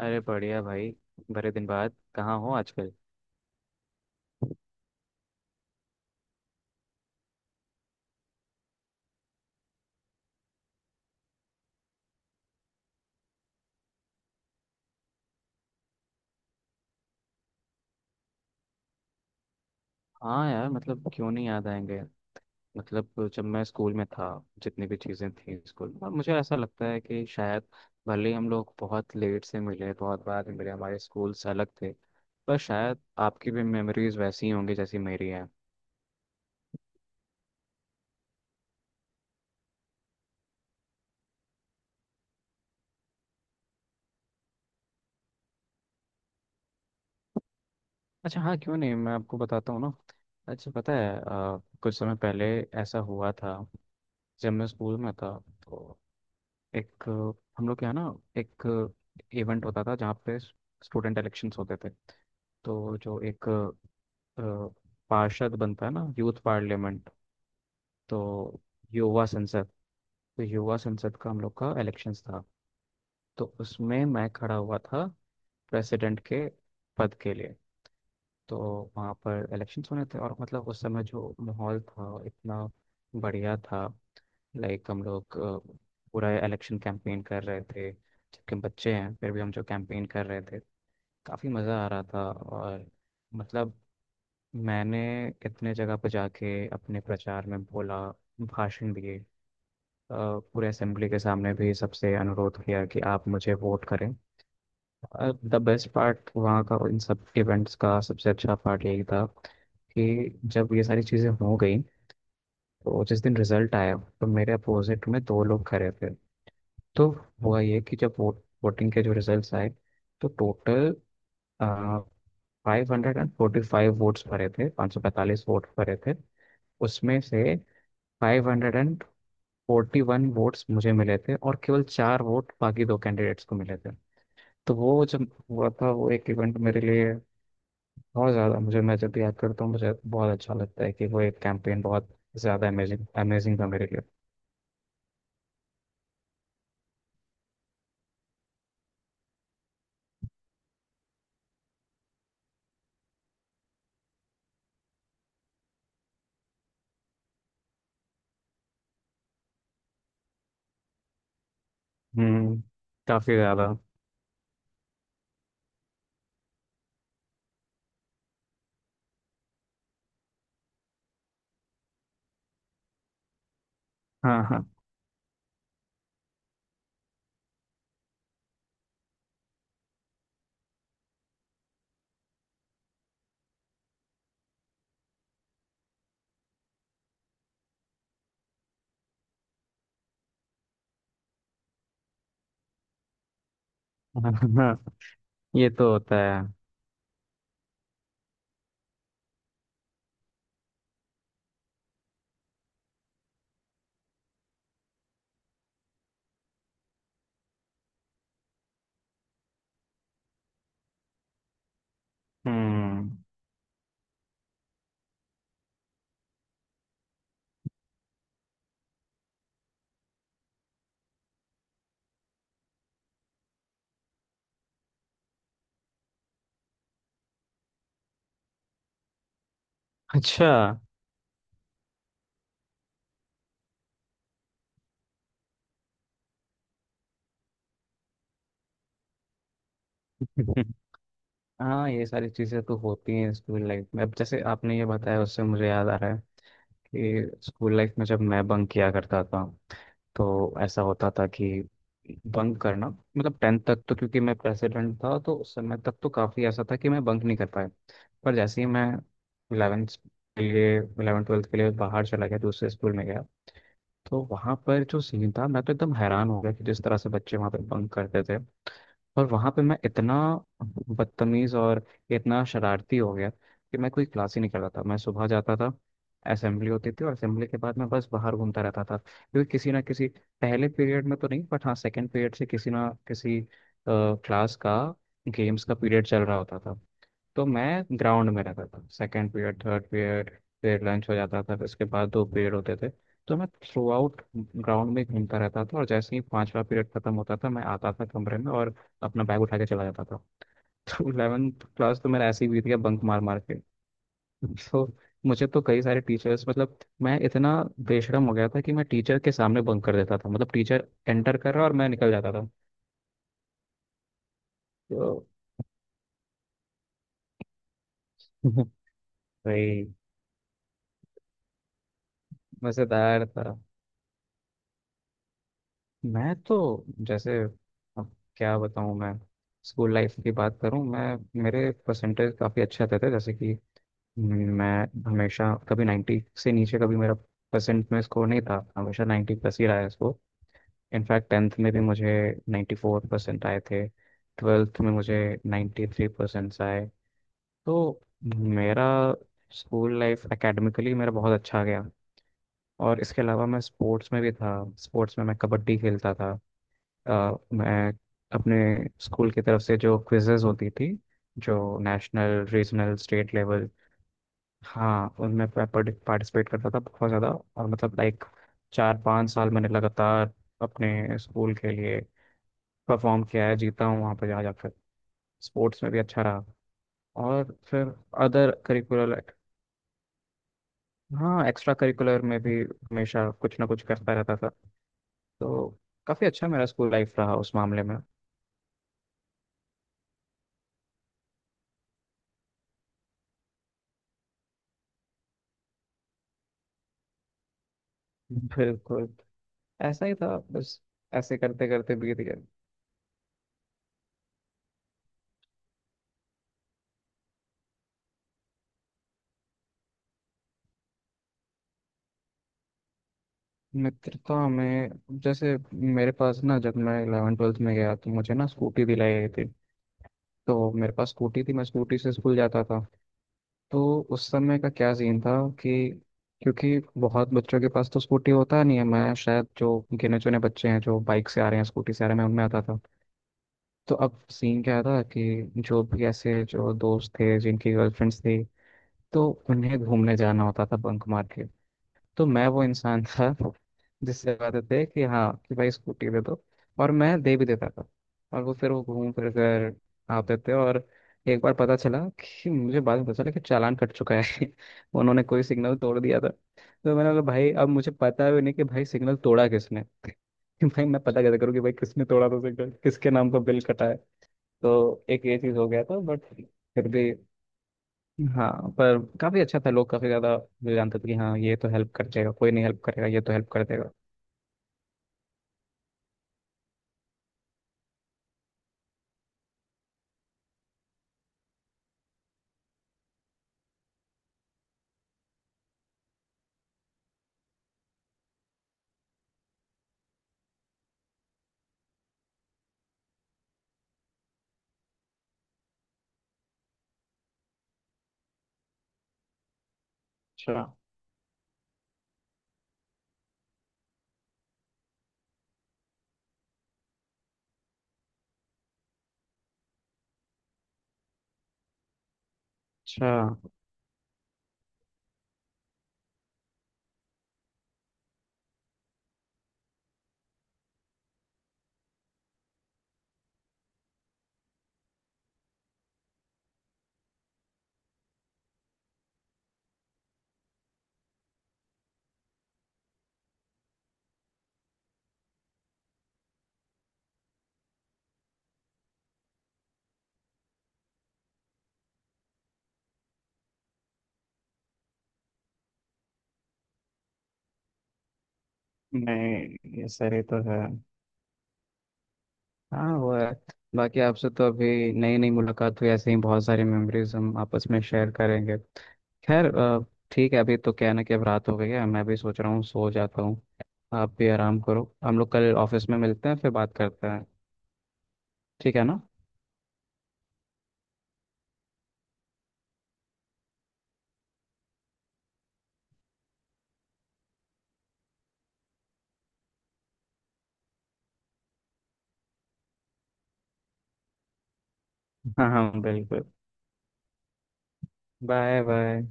अरे बढ़िया भाई। बड़े दिन बाद कहाँ हो आजकल? हाँ यार, मतलब क्यों नहीं याद आएंगे। मतलब जब मैं स्कूल में था, जितनी भी चीज़ें थी स्कूल में, और मुझे ऐसा लगता है कि शायद भले ही हम लोग बहुत लेट से मिले, बहुत बाद में मिले, हमारे स्कूल से अलग थे, पर शायद आपकी भी मेमोरीज वैसी ही होंगी जैसी मेरी है। अच्छा, हाँ, क्यों नहीं, मैं आपको बताता हूँ ना। अच्छा, पता है, कुछ समय पहले ऐसा हुआ था। जब मैं स्कूल में था तो एक हम लोग के यहाँ ना एक इवेंट होता था जहाँ पे स्टूडेंट इलेक्शंस होते थे। तो जो एक पार्षद बनता है ना, यूथ पार्लियामेंट, तो युवा संसद तो युवा संसद का हम लोग का इलेक्शंस था। तो उसमें मैं खड़ा हुआ था प्रेसिडेंट के पद के लिए। तो वहाँ पर इलेक्शंस होने थे, और मतलब उस समय जो माहौल था इतना बढ़िया था। लाइक हम लोग पूरा इलेक्शन कैंपेन कर रहे थे, जबकि हम बच्चे हैं फिर भी हम जो कैंपेन कर रहे थे काफ़ी मज़ा आ रहा था। और मतलब मैंने इतने जगह पर जाके अपने प्रचार में बोला, भाषण दिए। अ, पूरे असेंबली के सामने भी सबसे अनुरोध किया कि आप मुझे वोट करें। द बेस्ट पार्ट वहाँ का, इन सब इवेंट्स का सबसे अच्छा पार्ट यही था कि जब ये सारी चीज़ें हो गई तो जिस दिन रिजल्ट आया तो मेरे अपोजिट में दो लोग खड़े थे। तो हुआ ये कि जब वोटिंग के जो रिजल्ट्स आए तो टोटल 545 वोट्स भरे थे, 545 वोट भरे थे। उसमें से 541 वोट्स मुझे मिले थे और केवल चार वोट बाकी दो कैंडिडेट्स को मिले थे। तो वो जब हुआ था, वो एक इवेंट मेरे लिए बहुत ज़्यादा, मुझे, मैं जब भी याद करता हूँ मुझे बहुत अच्छा लगता है कि वो एक कैंपेन बहुत ज़्यादा अमेजिंग अमेजिंग था मेरे लिए। हम्म, काफ़ी ज़्यादा। हाँ हाँ। हाँ हाँ, ये तो होता है। हम्म। अच्छा। हाँ, ये सारी चीज़ें तो होती हैं स्कूल लाइफ में। अब जैसे आपने ये बताया उससे मुझे याद आ रहा है कि स्कूल लाइफ में जब मैं बंक किया करता था, तो ऐसा होता था कि बंक करना मतलब टेंथ तक तो क्योंकि मैं प्रेसिडेंट था तो उस समय तक तो काफ़ी ऐसा था कि मैं बंक नहीं कर पाया। पर जैसे ही मैं इलेवेंथ के लिए, इलेवन ट्वेल्थ के लिए बाहर चला गया, दूसरे स्कूल में गया, तो वहाँ पर जो सीन था मैं तो एकदम हैरान हो गया कि जिस तरह से बच्चे वहाँ पर बंक करते थे। और वहां पे मैं इतना बदतमीज और इतना शरारती हो गया कि मैं कोई क्लास ही नहीं कर रहा था। मैं सुबह जाता था, असेंबली होती थी और असेंबली के बाद मैं बस बाहर घूमता रहता था क्योंकि किसी ना किसी पहले पीरियड में तो नहीं, बट हाँ सेकंड पीरियड से किसी ना किसी क्लास का, गेम्स का पीरियड चल रहा होता था। तो मैं ग्राउंड में रहता था, सेकंड पीरियड, थर्ड पीरियड। फिर लंच हो जाता था, फिर उसके बाद दो पीरियड होते थे। तो मैं थ्रू आउट ग्राउंड में घूमता रहता था और जैसे ही पांचवा पीरियड खत्म होता था मैं आता था कमरे में और अपना बैग उठा के चला जाता था। तो इलेवेंथ क्लास तो मेरा ऐसे ही बीत गया, बंक मार मार के। तो मुझे तो कई सारे टीचर्स, मतलब मैं इतना बेशरम हो गया था कि मैं टीचर के सामने बंक कर देता था। मतलब टीचर एंटर कर रहा और मैं निकल जाता था तो। भाई मज़ेदार था। मैं तो जैसे, अब क्या बताऊं, मैं स्कूल लाइफ की बात करूं, मैं मेरे परसेंटेज काफ़ी अच्छे आते थे। जैसे कि मैं हमेशा, कभी 90 से नीचे कभी मेरा परसेंट में स्कोर नहीं था, हमेशा 90 प्लस ही रहा है स्कोर। इनफैक्ट टेंथ में भी मुझे 94% आए थे। ट्वेल्थ में मुझे 93 थ्री परसेंट आए। तो मेरा स्कूल लाइफ एकेडमिकली मेरा बहुत अच्छा गया। और इसके अलावा मैं स्पोर्ट्स में भी था। स्पोर्ट्स में मैं कबड्डी खेलता था। मैं अपने स्कूल की तरफ से जो क्विजेज होती थी, जो नेशनल रीजनल स्टेट लेवल, हाँ उनमें मैं पार्टिसिपेट करता था बहुत ज़्यादा। और मतलब लाइक 4 5 साल मैंने लगातार अपने स्कूल के लिए परफॉर्म किया है, जीता हूँ वहाँ पर जा जाकर। स्पोर्ट्स में भी अच्छा रहा। और फिर अदर करिकुलर, हाँ एक्स्ट्रा करिकुलर में भी हमेशा कुछ ना कुछ करता रहता था। तो काफ़ी अच्छा मेरा स्कूल लाइफ रहा उस मामले में। बिल्कुल, ऐसा ही था बस, ऐसे करते करते बीत गया। मित्रता में, जैसे मेरे पास ना, जब मैं इलेवन ट्वेल्थ में गया तो मुझे ना स्कूटी दिलाई गई थी। तो मेरे पास स्कूटी थी, मैं स्कूटी से स्कूल जाता था। तो उस समय का क्या सीन था कि क्योंकि बहुत बच्चों के पास तो स्कूटी होता नहीं है, मैं शायद जो गिने चुने बच्चे हैं जो बाइक से आ रहे हैं, स्कूटी से आ रहे हैं, मैं उनमें आता था। तो अब सीन क्या था कि जो भी ऐसे जो दोस्त थे जिनकी गर्लफ्रेंड्स थी, तो उन्हें घूमने जाना होता था बंक मार के। तो मैं वो इंसान था जिससे आदत है कि हाँ कि भाई स्कूटी दे दो, और मैं दे भी देता था। और वो फिर वो घूम फिर कर आते थे। और एक बार पता चला, कि मुझे बाद में पता चला कि चालान कट चुका है। उन्होंने कोई सिग्नल तोड़ दिया था, तो मैंने बोला भाई अब मुझे पता भी नहीं कि भाई सिग्नल तोड़ा किसने। कि भाई मैं पता कैसे करूँ कि भाई किसने तोड़ा था सिग्नल, किसके नाम पर बिल कटा है। तो एक ये चीज़ हो गया था बट, फिर भी, हाँ, पर काफी अच्छा था। लोग काफी ज्यादा मुझे जानते थे कि हाँ ये तो हेल्प कर देगा, कोई नहीं हेल्प करेगा, ये तो हेल्प कर देगा। अच्छा, अच्छा। नहीं ये सही तो है। हाँ वो है। बाकी आपसे तो अभी नई नई मुलाकात हुई, ऐसे ही बहुत सारी मेमोरीज हम आपस में शेयर करेंगे। खैर, ठीक है, अभी तो क्या है ना कि अब रात हो गई है, मैं भी सोच रहा हूँ सो जाता हूँ। आप भी आराम करो, हम लोग कल ऑफिस में मिलते हैं, फिर बात करते हैं। ठीक है ना? हाँ हाँ बिल्कुल। Bye bye.